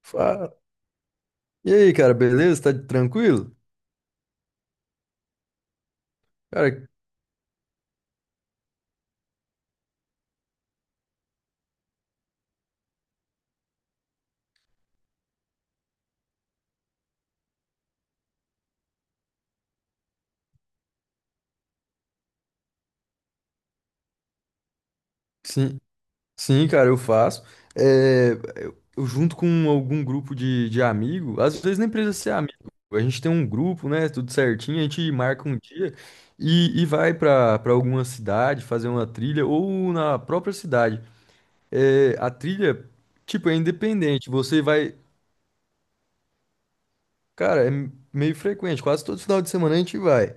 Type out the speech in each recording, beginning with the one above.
Fa- E aí, cara, beleza? Tá tranquilo? Cara, sim, sim, cara, eu faço. É, eu junto com algum grupo de amigo, às vezes nem precisa ser amigo. A gente tem um grupo, né? Tudo certinho, a gente marca um dia e vai pra para alguma cidade fazer uma trilha ou na própria cidade. É, a trilha, tipo, é independente. Você vai, cara, é meio frequente. Quase todo final de semana a gente vai.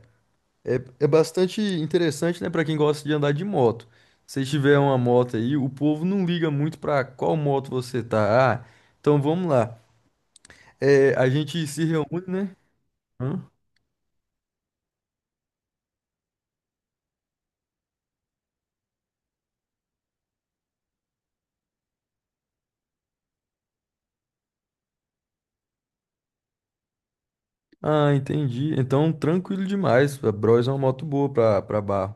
É bastante interessante, né, para quem gosta de andar de moto. Se tiver uma moto aí, o povo não liga muito para qual moto você tá. Ah, então vamos lá. É, a gente se reúne, né? Hã? Ah, entendi. Então, tranquilo demais. A Bros é uma moto boa para barro.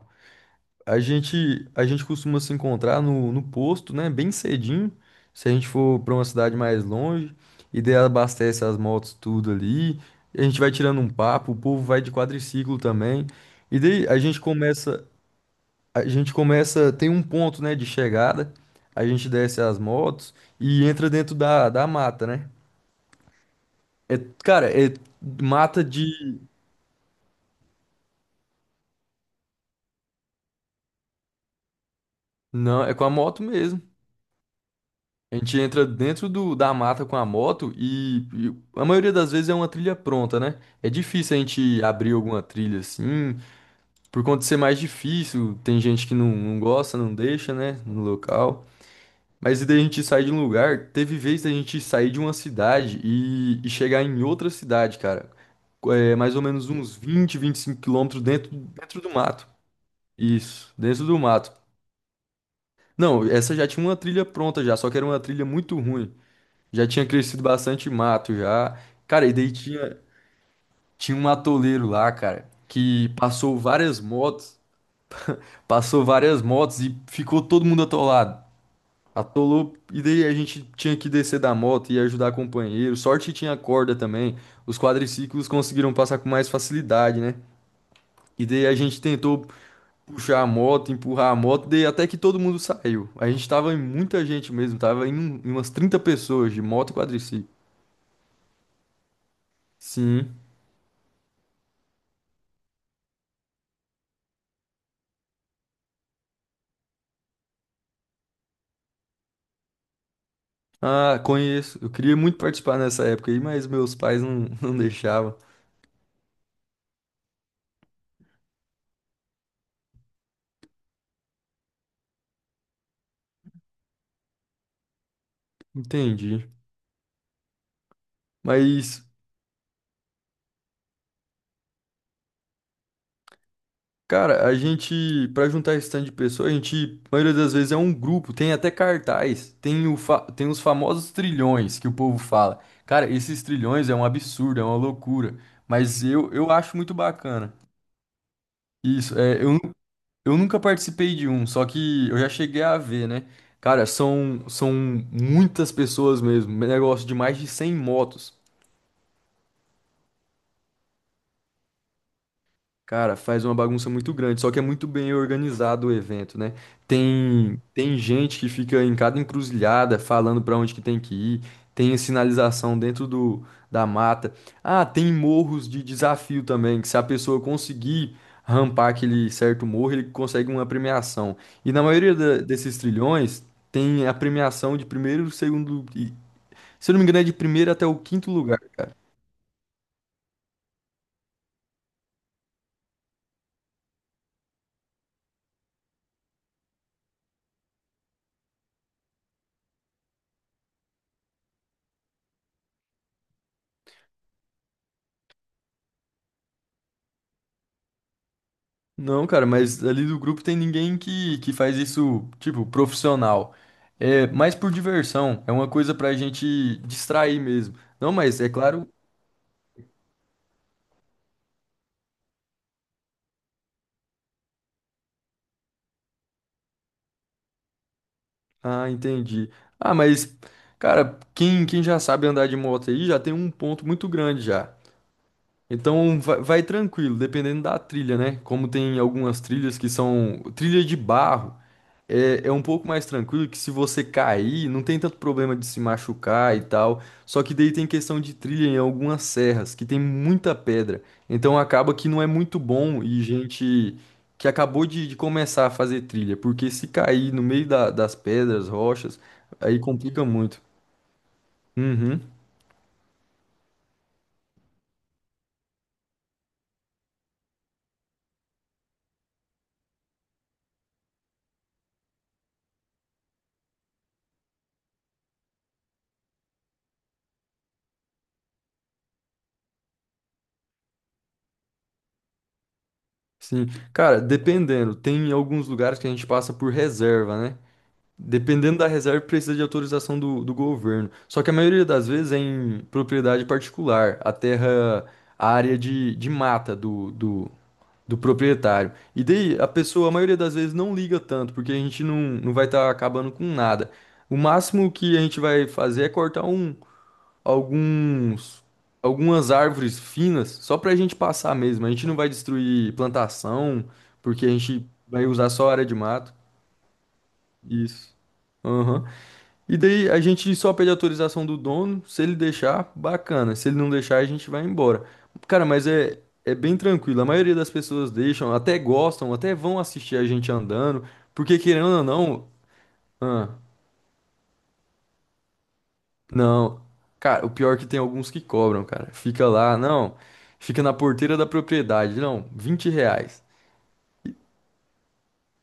A gente costuma se encontrar no posto, né? Bem cedinho. Se a gente for para uma cidade mais longe, e daí abastece as motos tudo ali. A gente vai tirando um papo, o povo vai de quadriciclo também. E daí a gente começa, tem um ponto, né, de chegada. A gente desce as motos e entra dentro da mata, né? É, cara, é mata de. Não, é com a moto mesmo. A gente entra dentro da mata com a moto e a maioria das vezes é uma trilha pronta, né? É difícil a gente abrir alguma trilha assim, por conta de ser mais difícil. Tem gente que não gosta, não deixa, né? No local. Mas e daí a gente sai de um lugar. Teve vez da gente sair de uma cidade e chegar em outra cidade, cara. É, mais ou menos uns 25 km dentro do mato. Isso, dentro do mato. Não, essa já tinha uma trilha pronta já, só que era uma trilha muito ruim. Já tinha crescido bastante mato já. Cara, e daí tinha um atoleiro lá, cara, que passou várias motos e ficou todo mundo atolado. Atolou, e daí a gente tinha que descer da moto e ajudar companheiro. Sorte que tinha corda também. Os quadriciclos conseguiram passar com mais facilidade, né? E daí a gente tentou puxar a moto, empurrar a moto, daí até que todo mundo saiu. A gente tava em muita gente mesmo, tava em umas 30 pessoas de moto e quadriciclo. Sim. Ah, conheço. Eu queria muito participar nessa época aí, mas meus pais não, não deixavam. Entendi. Mas, cara, a gente, pra juntar esse tanto de pessoas, a gente, a maioria das vezes é um grupo, tem até cartaz, tem os famosos trilhões que o povo fala. Cara, esses trilhões é um absurdo, é uma loucura. Mas eu acho muito bacana. Isso, é, eu nunca participei de um, só que eu já cheguei a ver, né? Cara, são muitas pessoas mesmo, negócio de mais de 100 motos. Cara, faz uma bagunça muito grande, só que é muito bem organizado o evento, né? Tem gente que fica em cada encruzilhada falando pra onde que tem que ir, tem a sinalização dentro da mata. Ah, tem morros de desafio também, que se a pessoa conseguir rampar aquele certo morro, ele consegue uma premiação. E na maioria desses trilhões, tem a premiação de primeiro, segundo, se eu não me engano, é de primeiro até o quinto lugar. Não, cara, mas ali do grupo tem ninguém que faz isso, tipo, profissional. É mais por diversão, é uma coisa pra gente distrair mesmo. Não, mas é claro. Ah, entendi. Ah, mas, cara, quem já sabe andar de moto aí já tem um ponto muito grande já. Então vai tranquilo, dependendo da trilha, né? Como tem algumas trilhas que são trilha de barro. É um pouco mais tranquilo que se você cair, não tem tanto problema de se machucar e tal. Só que daí tem questão de trilha em algumas serras, que tem muita pedra. Então acaba que não é muito bom e gente que acabou de começar a fazer trilha, porque se cair no meio das pedras, rochas, aí complica muito. Uhum, sim. Cara, dependendo, tem alguns lugares que a gente passa por reserva, né? Dependendo da reserva, precisa de autorização do governo. Só que a maioria das vezes é em propriedade particular, a terra, a área de mata do proprietário. E daí a pessoa, a maioria das vezes, não liga tanto, porque a gente não vai estar acabando com nada. O máximo que a gente vai fazer é cortar alguns, algumas árvores finas, só para a gente passar mesmo. A gente não vai destruir plantação, porque a gente vai usar só a área de mato. Isso. Aham. E daí a gente só pede autorização do dono, se ele deixar, bacana. Se ele não deixar, a gente vai embora. Cara, mas é bem tranquilo. A maioria das pessoas deixam, até gostam, até vão assistir a gente andando, porque querendo ou não, ah, não. Cara, o pior é que tem alguns que cobram, cara. Fica lá, não. Fica na porteira da propriedade, não, R$ 20.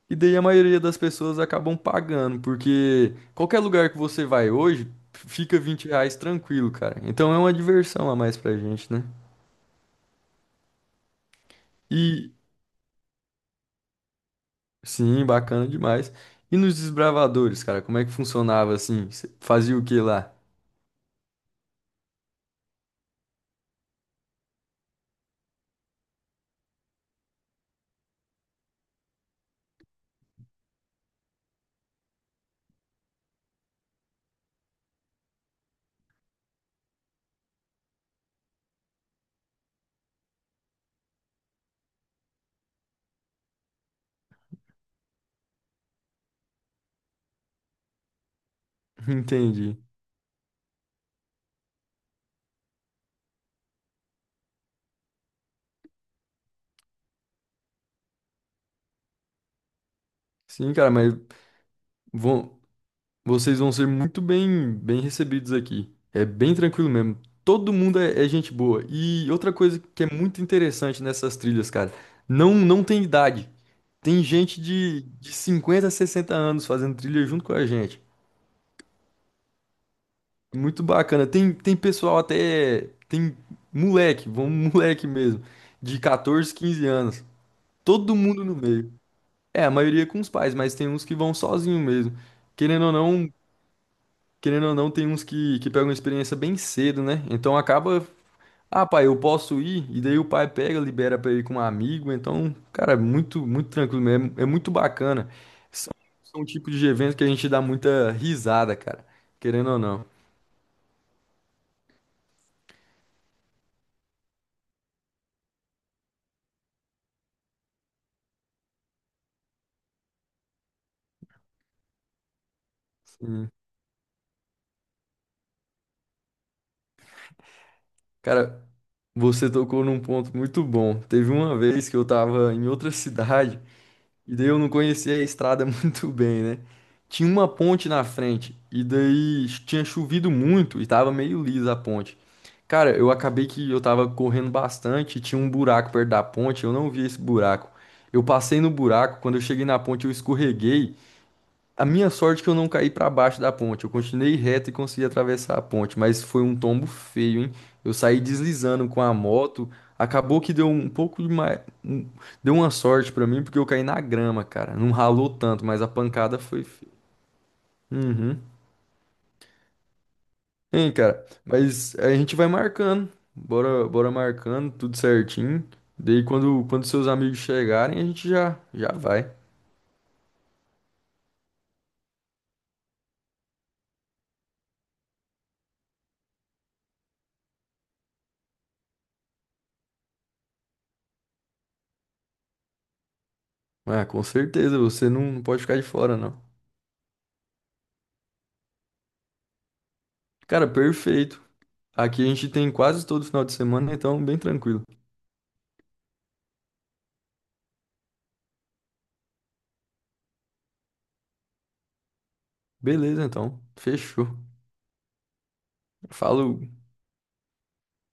E daí a maioria das pessoas acabam pagando, porque qualquer lugar que você vai hoje, fica R$ 20 tranquilo, cara. Então é uma diversão a mais pra gente, né? E sim, bacana demais. E nos desbravadores, cara, como é que funcionava assim? Cê fazia o que lá? Entendi. Sim, cara, mas vão, Vocês vão ser muito bem recebidos aqui. É bem tranquilo mesmo. Todo mundo é gente boa. E outra coisa que é muito interessante nessas trilhas, cara, não tem idade. Tem gente de 50, 60 anos fazendo trilha junto com a gente. Muito bacana. Tem pessoal até. Tem moleque, vamos moleque mesmo, de 14, 15 anos. Todo mundo no meio. É, a maioria com os pais, mas tem uns que vão sozinho mesmo. Querendo ou não, querendo ou não, tem uns que pegam experiência bem cedo, né? Então acaba. Ah, pai, eu posso ir, e daí o pai pega, libera pra ir com um amigo. Então, cara, é muito, muito tranquilo mesmo. É muito bacana. São, são um tipo de evento que a gente dá muita risada, cara. Querendo ou não. Sim. Cara, você tocou num ponto muito bom. Teve uma vez que eu tava em outra cidade. E daí eu não conhecia a estrada muito bem, né? Tinha uma ponte na frente, e daí tinha chovido muito e tava meio lisa a ponte. Cara, eu acabei que eu tava correndo bastante, tinha um buraco perto da ponte, eu não vi esse buraco. Eu passei no buraco, quando eu cheguei na ponte eu escorreguei. A minha sorte é que eu não caí para baixo da ponte. Eu continuei reto e consegui atravessar a ponte, mas foi um tombo feio, hein? Eu saí deslizando com a moto. Acabou que deu um pouco de mais, deu uma sorte para mim porque eu caí na grama, cara. Não ralou tanto, mas a pancada foi feia. Uhum. Hein, cara? Mas a gente vai marcando. Bora, bora marcando tudo certinho. Daí quando seus amigos chegarem, a gente já já vai. Ah, com certeza, você não pode ficar de fora, não. Cara, perfeito. Aqui a gente tem quase todo final de semana, então bem tranquilo. Beleza, então. Fechou. Falou.